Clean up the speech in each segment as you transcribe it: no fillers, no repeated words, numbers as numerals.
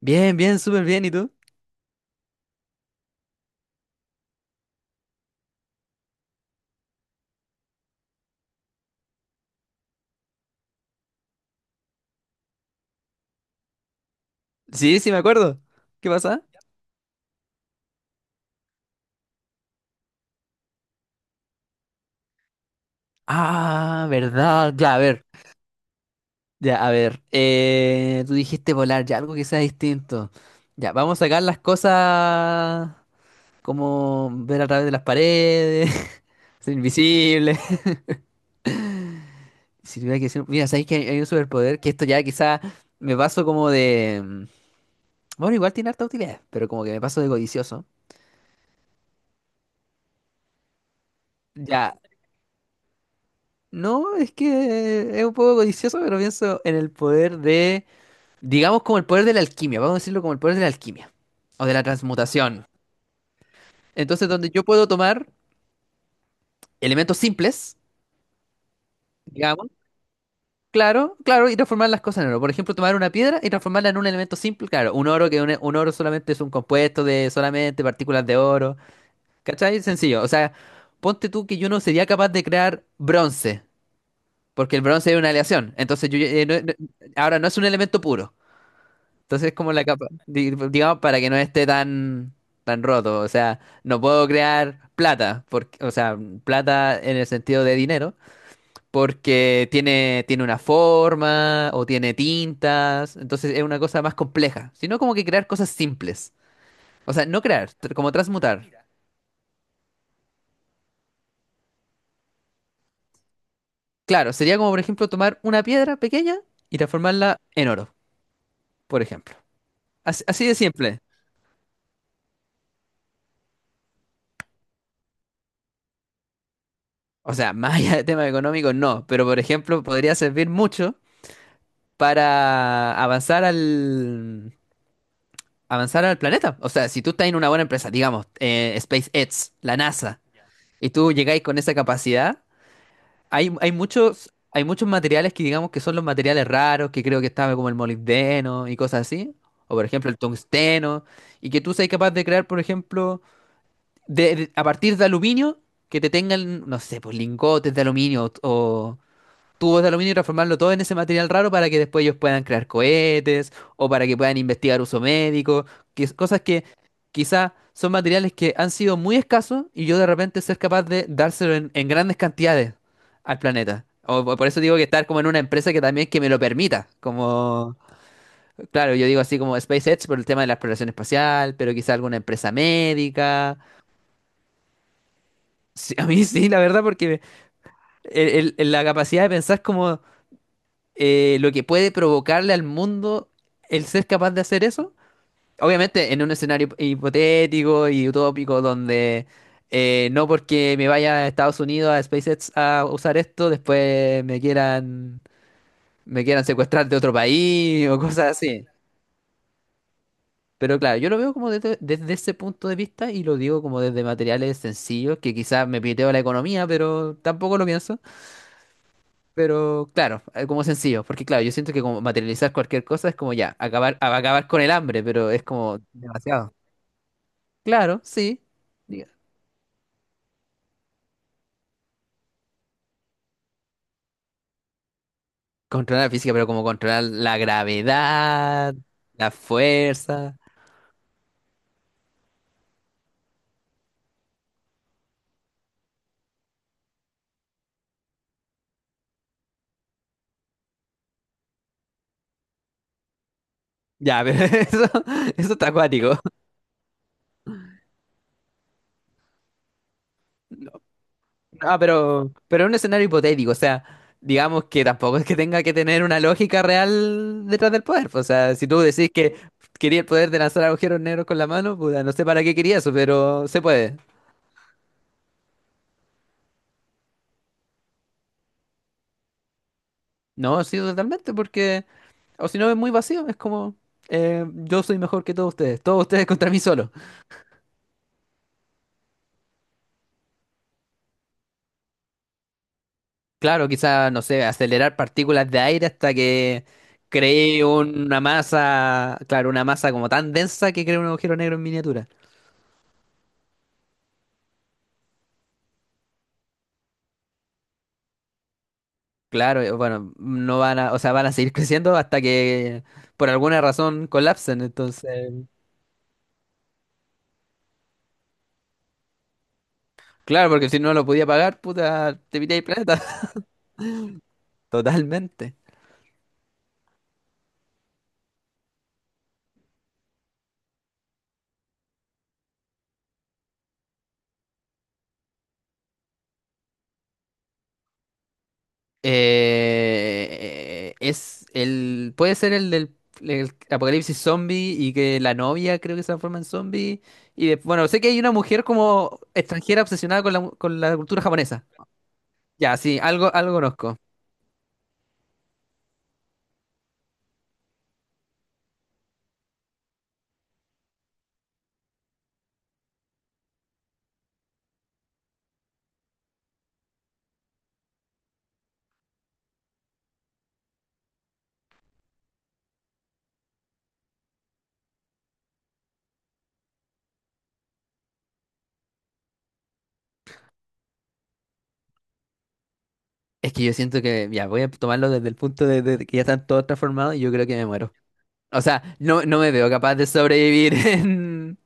Bien, bien, súper bien. ¿Y tú? Sí, sí, me acuerdo. ¿Qué pasa? Ah, verdad. Ya, a ver. Ya, a ver. Tú dijiste volar, ya algo que sea distinto. Ya, vamos a sacar las cosas como ver a través de las paredes, ser invisible. Si tuviera que decir, mira, sabéis que hay un superpoder que esto ya quizá me paso como Bueno, igual tiene harta utilidad, pero como que me paso de codicioso. Ya, no, es que es un poco codicioso, pero pienso en el poder de. Digamos como el poder de la alquimia, vamos a decirlo como el poder de la alquimia o de la transmutación. Entonces, donde yo puedo tomar elementos simples, digamos, claro, claro, y transformar las cosas en oro. Por ejemplo, tomar una piedra y transformarla en un elemento simple, claro, un oro que un oro solamente es un compuesto de solamente partículas de oro, ¿cachai? Sencillo, o sea, ponte tú que yo no sería capaz de crear bronce, porque el bronce es una aleación, entonces yo, ahora no es un elemento puro. Entonces, es como la capa, digamos, para que no esté tan, tan roto. O sea, no puedo crear plata, porque, o sea, plata en el sentido de dinero, porque tiene una forma o tiene tintas. Entonces, es una cosa más compleja. Sino como que crear cosas simples. O sea, no crear, como transmutar. Claro, sería como, por ejemplo, tomar una piedra pequeña y transformarla en oro, por ejemplo. Así, así de simple. O sea, más allá del tema económico, no. Pero, por ejemplo, podría servir mucho, para avanzar al planeta. O sea, si tú estás en una buena empresa, digamos, SpaceX, la NASA, y tú llegáis con esa capacidad, hay muchos materiales que digamos que son los materiales raros, que creo que estaba como el molibdeno y cosas así, o por ejemplo el tungsteno, y que tú seas capaz de crear, por ejemplo, a partir de aluminio que te tengan, no sé, pues lingotes de aluminio o, tubos de aluminio y transformarlo todo en ese material raro para que después ellos puedan crear cohetes o para que puedan investigar uso médico, cosas que quizá son materiales que han sido muy escasos y yo de repente ser capaz de dárselo en grandes cantidades al planeta. O por eso digo que estar como en una empresa que también que me lo permita, como, claro, yo digo así como SpaceX por el tema de la exploración espacial, pero quizá alguna empresa médica. Sí, a mí sí, la verdad, porque la capacidad de pensar como lo que puede provocarle al mundo el ser capaz de hacer eso. Obviamente en un escenario hipotético y utópico donde no porque me vaya a Estados Unidos a SpaceX a usar esto, después me quieran, secuestrar de otro país o cosas así. Pero claro, yo lo veo como desde ese punto de vista y lo digo como desde materiales sencillos, que quizás me piteo la economía, pero tampoco lo pienso. Pero claro, como sencillo, porque claro, yo siento que como materializar cualquier cosa es como ya, acabar, acabar con el hambre, pero es como demasiado. Claro, sí. diga, Controlar la física, pero como controlar la gravedad, la fuerza. Ya, pero eso está acuático. Ah, pero un escenario hipotético, o sea, digamos que tampoco es que tenga que tener una lógica real detrás del poder, pues. O sea, si tú decís que quería el poder de lanzar agujeros negros con la mano, puta, no sé para qué quería eso, pero se puede. No, sí, totalmente, porque, o si no, es muy vacío, es como, yo soy mejor que todos ustedes contra mí solo. Claro, quizá, no sé, acelerar partículas de aire hasta que cree una masa, claro, una masa como tan densa que cree un agujero negro en miniatura. Claro, bueno, no van a, o sea, van a seguir creciendo hasta que por alguna razón colapsen, entonces, claro, porque si no lo podía pagar, puta, te pité el planeta. Totalmente. Puede ser el del el apocalipsis zombie y que la novia creo que se transforma en zombie. Y bueno, sé que hay una mujer como extranjera obsesionada con la cultura japonesa. Ya, sí, algo, algo conozco. Es que yo siento que, ya, voy a tomarlo desde el punto de que ya están todos transformados y yo creo que me muero. O sea, no, no me veo capaz de sobrevivir en,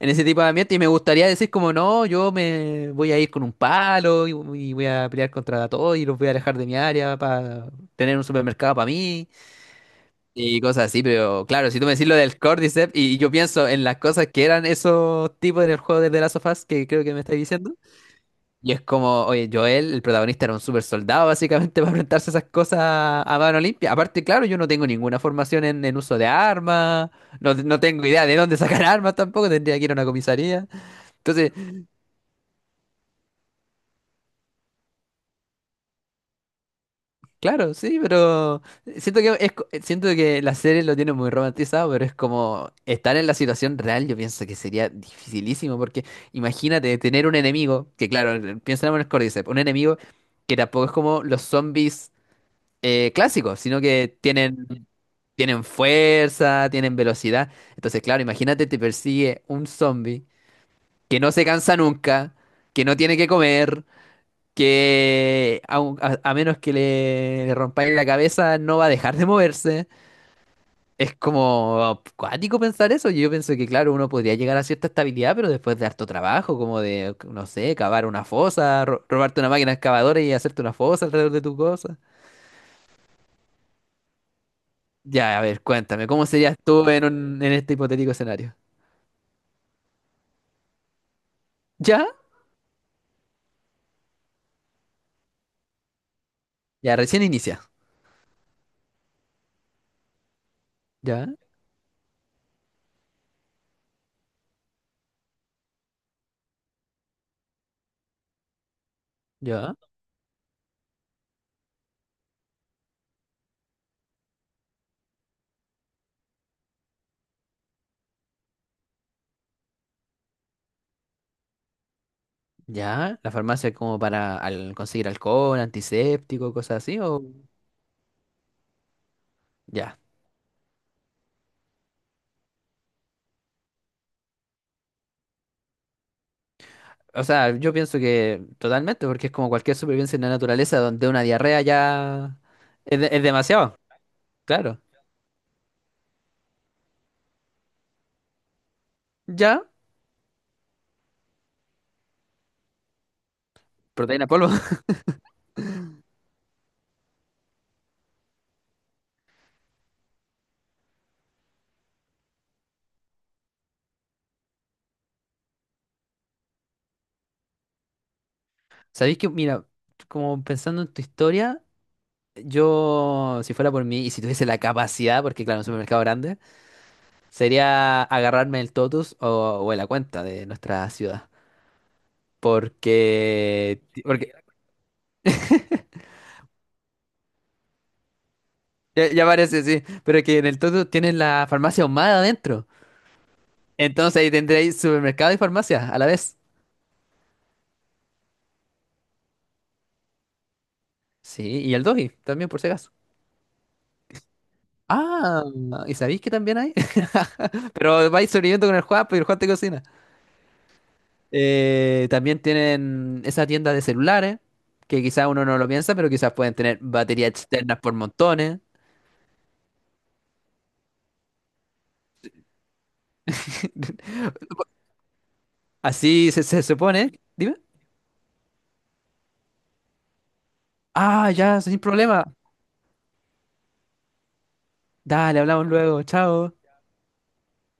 en ese tipo de ambiente y me gustaría decir como no, yo me voy a ir con un palo y voy a pelear contra todos y los voy a alejar de mi área para tener un supermercado para mí y cosas así, pero claro, si tú me decís lo del Cordyceps y yo pienso en las cosas que eran esos tipos en el juego de The Last of Us que creo que me estáis diciendo. Y es como, oye, Joel, el protagonista era un super soldado básicamente para enfrentarse a esas cosas a mano limpia. Aparte, claro, yo no tengo ninguna formación en uso de armas, no, no tengo idea de dónde sacar armas tampoco, tendría que ir a una comisaría. Entonces, claro, sí, pero siento que la serie lo tiene muy romantizado, pero es como estar en la situación real, yo pienso que sería dificilísimo, porque imagínate tener un enemigo, que claro, piensa en el Cordyceps, un enemigo que tampoco es como los zombies clásicos, sino que tienen fuerza, tienen velocidad. Entonces, claro, imagínate te persigue un zombie que no se cansa nunca, que no tiene que comer, que a menos que le rompáis la cabeza no va a dejar de moverse. Es como cuático pensar eso. Yo pienso que, claro, uno podría llegar a cierta estabilidad, pero después de harto trabajo, como de, no sé, cavar una fosa, robarte una máquina excavadora y hacerte una fosa alrededor de tu cosa. Ya, a ver, cuéntame, ¿cómo serías tú en, en este hipotético escenario? ¿Ya? Ya, recién inicia. ¿Ya? ¿Ya? ¿Ya? ¿La farmacia como para conseguir alcohol, antiséptico, cosas así? ¿O ya? O sea, yo pienso que totalmente, porque es como cualquier supervivencia en la naturaleza donde una diarrea ya es, es demasiado. Claro. Ya, proteína polvo. ¿Sabéis que, mira, como pensando en tu historia, yo, si fuera por mí y si tuviese la capacidad, porque claro, un supermercado grande, sería agarrarme el totus o en la cuenta de nuestra ciudad. Porque ya, ya parece, sí, pero es que en el totus tienen la farmacia ahumada adentro. Entonces ahí tendréis supermercado y farmacia a la vez. Sí, y el doji también, por si acaso. Ah, ¿y sabéis que también hay? Pero vais sobreviviendo con el Juan, pues, y el Juan te cocina. También tienen esa tienda de celulares, que quizás uno no lo piensa, pero quizás pueden tener baterías externas por montones. Así se supone. Dime. Ah, ya, sin problema. Dale, hablamos luego. Chao.